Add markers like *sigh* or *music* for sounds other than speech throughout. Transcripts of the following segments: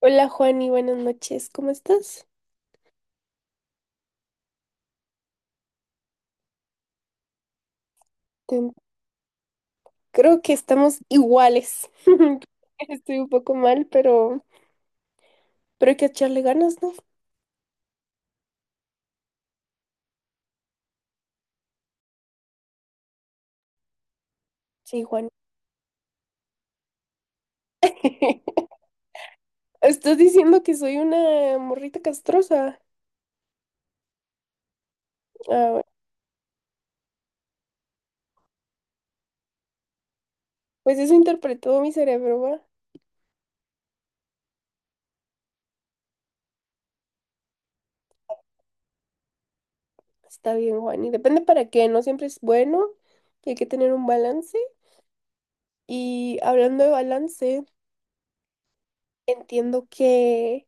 Hola Juani, buenas noches, ¿cómo estás? Te- Creo que estamos iguales. *laughs* Estoy un poco mal, pero hay que echarle ganas, ¿no? Sí, Juan. *laughs* Estás diciendo que soy una morrita castrosa. Ah, bueno, pues eso interpretó mi cerebro, ¿va? Está bien, Juan y depende para qué, no siempre es bueno. Y hay que tener un balance. Y hablando de balance, entiendo que,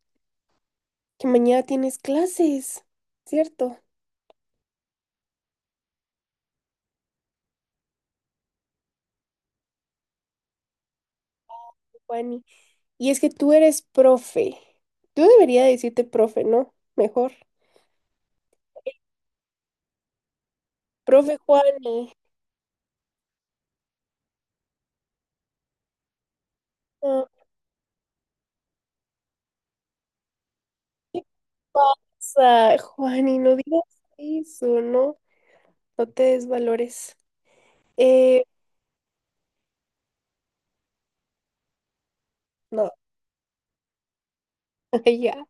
que mañana tienes clases, ¿cierto, Juani? Y es que tú eres profe. Tú deberías decirte profe, ¿no? Mejor. Profe Juani. No, ¿qué pasa, Juani? No digas eso, ¿no? No te desvalores. Eh, no, *laughs* ya.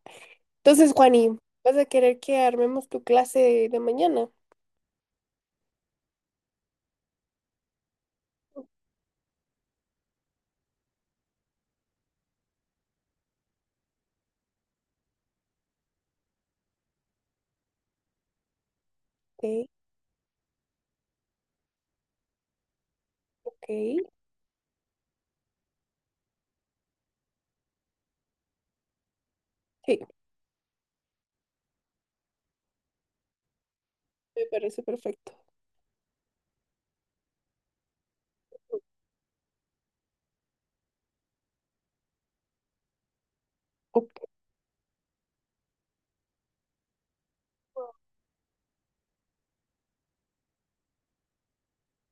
Entonces, Juani, ¿vas a querer que armemos tu clase de mañana? Ok, ok. Sí, me parece perfecto. Ok.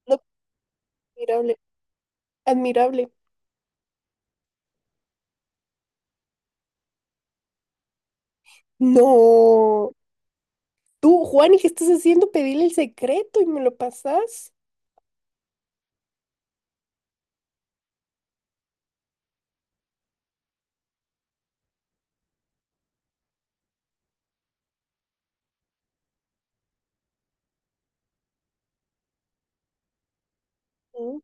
No, admirable. Admirable. No. Tú, Juani, ¿qué estás haciendo? Pedirle el secreto y me lo pasas. Mm,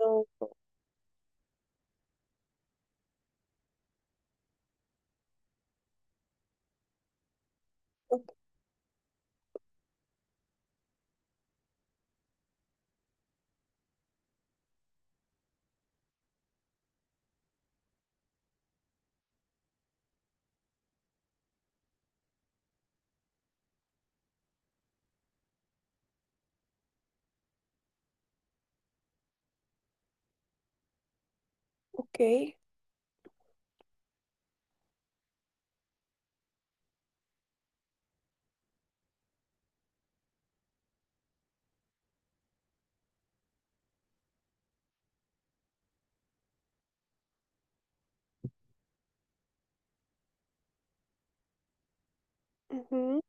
no. O- Ok. Ujú,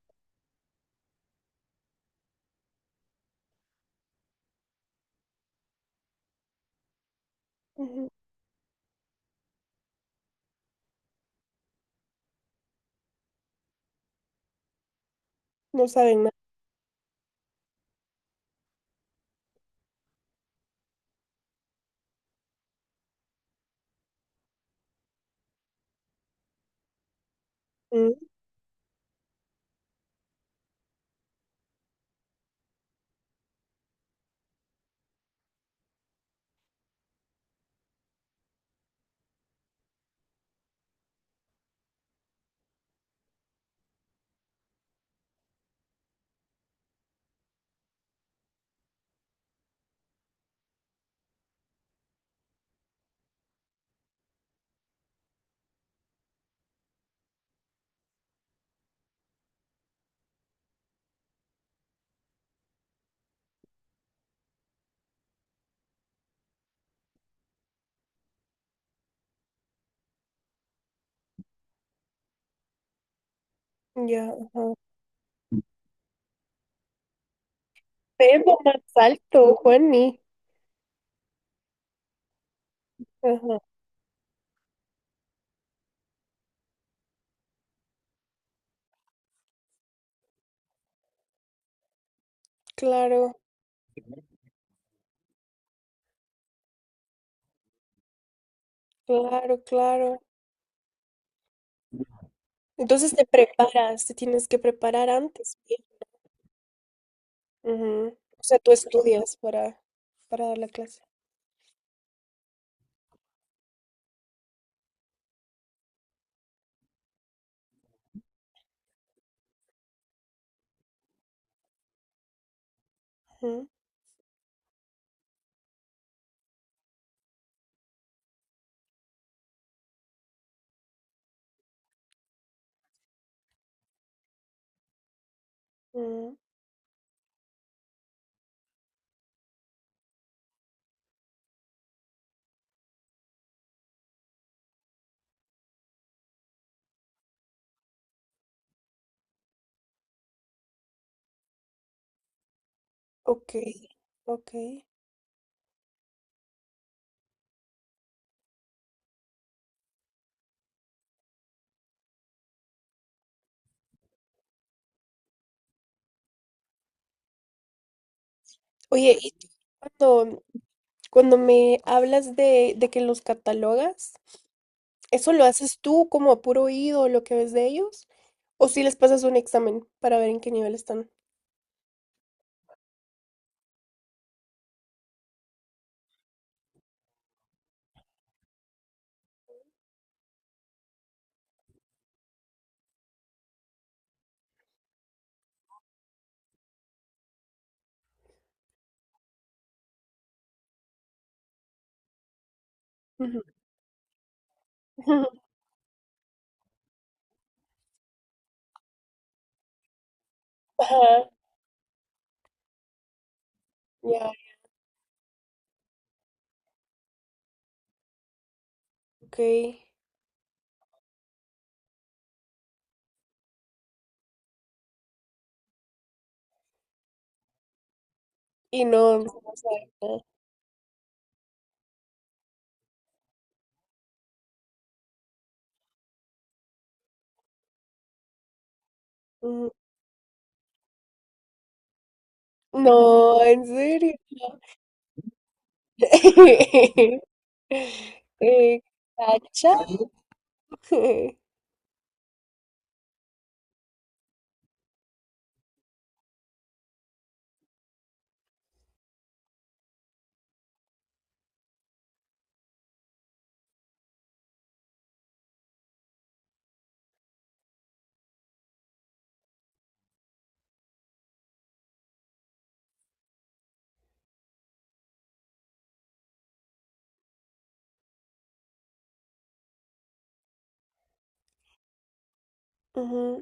ujú. No saben nada. Mm, ya. Pero más alto, Juani. Ajá. Claro, claro, claro. Entonces te preparas, te tienes que preparar antes, bien. Ujú. O sea, para dar la clase. Ujú, ujú. Ok, ok. Oye, cuando, cuando me hablas de que los catalogas, ¿eso lo haces tú como a puro oído, lo que ves de ellos? ¿O si les pasas un examen para ver en qué nivel están? Ujú. *laughs* Ajá, ya, ok. Y no, no sabe nada. Ujú. No, en serio. *laughs* Eh, ¿cacha? *laughs* Ujú,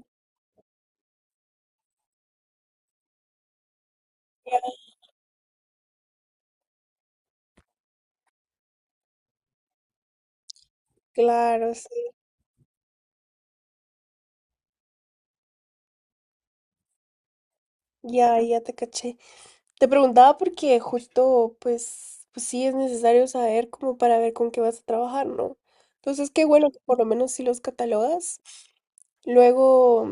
claro, sí. Ya, ya te caché. Te preguntaba porque justo, pues, pues sí es necesario saber como para ver con qué vas a trabajar, ¿no? Entonces, qué bueno que por lo menos si los catalogas. Luego,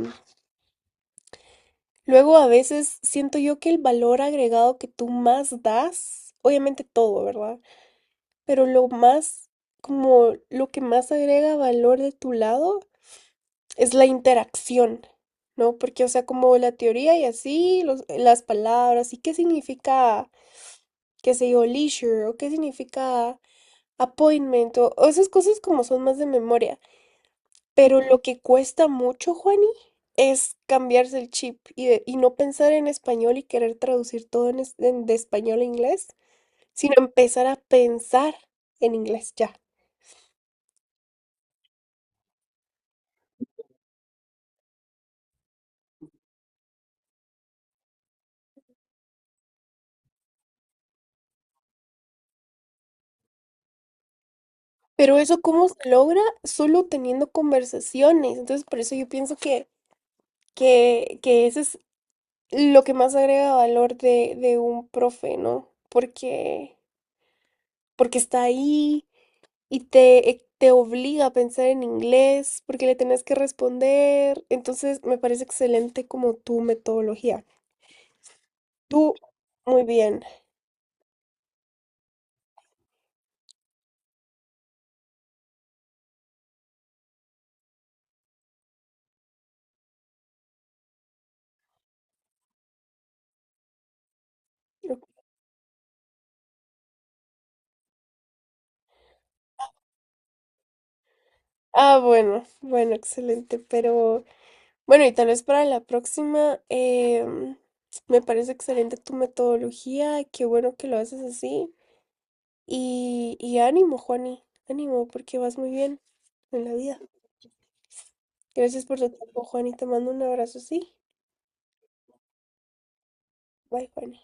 luego a veces siento yo que el valor agregado que tú más das, obviamente todo, ¿verdad? Pero lo más, como lo que más agrega valor de tu lado es la interacción, ¿no? Porque, o sea, como la teoría y así, las palabras, y qué significa, qué sé yo, leisure, o qué significa appointment, o esas cosas como son más de memoria. Pero lo que cuesta mucho, Juani, es cambiarse el chip y no pensar en español y querer traducir todo de español a inglés, sino empezar a pensar en inglés ya. Pero eso cómo se logra solo teniendo conversaciones. Entonces, por eso yo pienso que ese es lo que más agrega valor de un profe, ¿no? Porque, porque está ahí, te obliga a pensar en inglés porque le tenés que responder. Entonces, me parece excelente como tu metodología. Tú, muy bien. Ok. Ah, bueno, bueno, excelente. Pero bueno, y tal vez para la próxima, me parece excelente tu metodología. Qué bueno que lo haces así. Y ánimo, Juani, ánimo, porque vas muy bien en la vida. Gracias por tu tiempo, Juani. Te mando un abrazo, sí. Bye, Juani.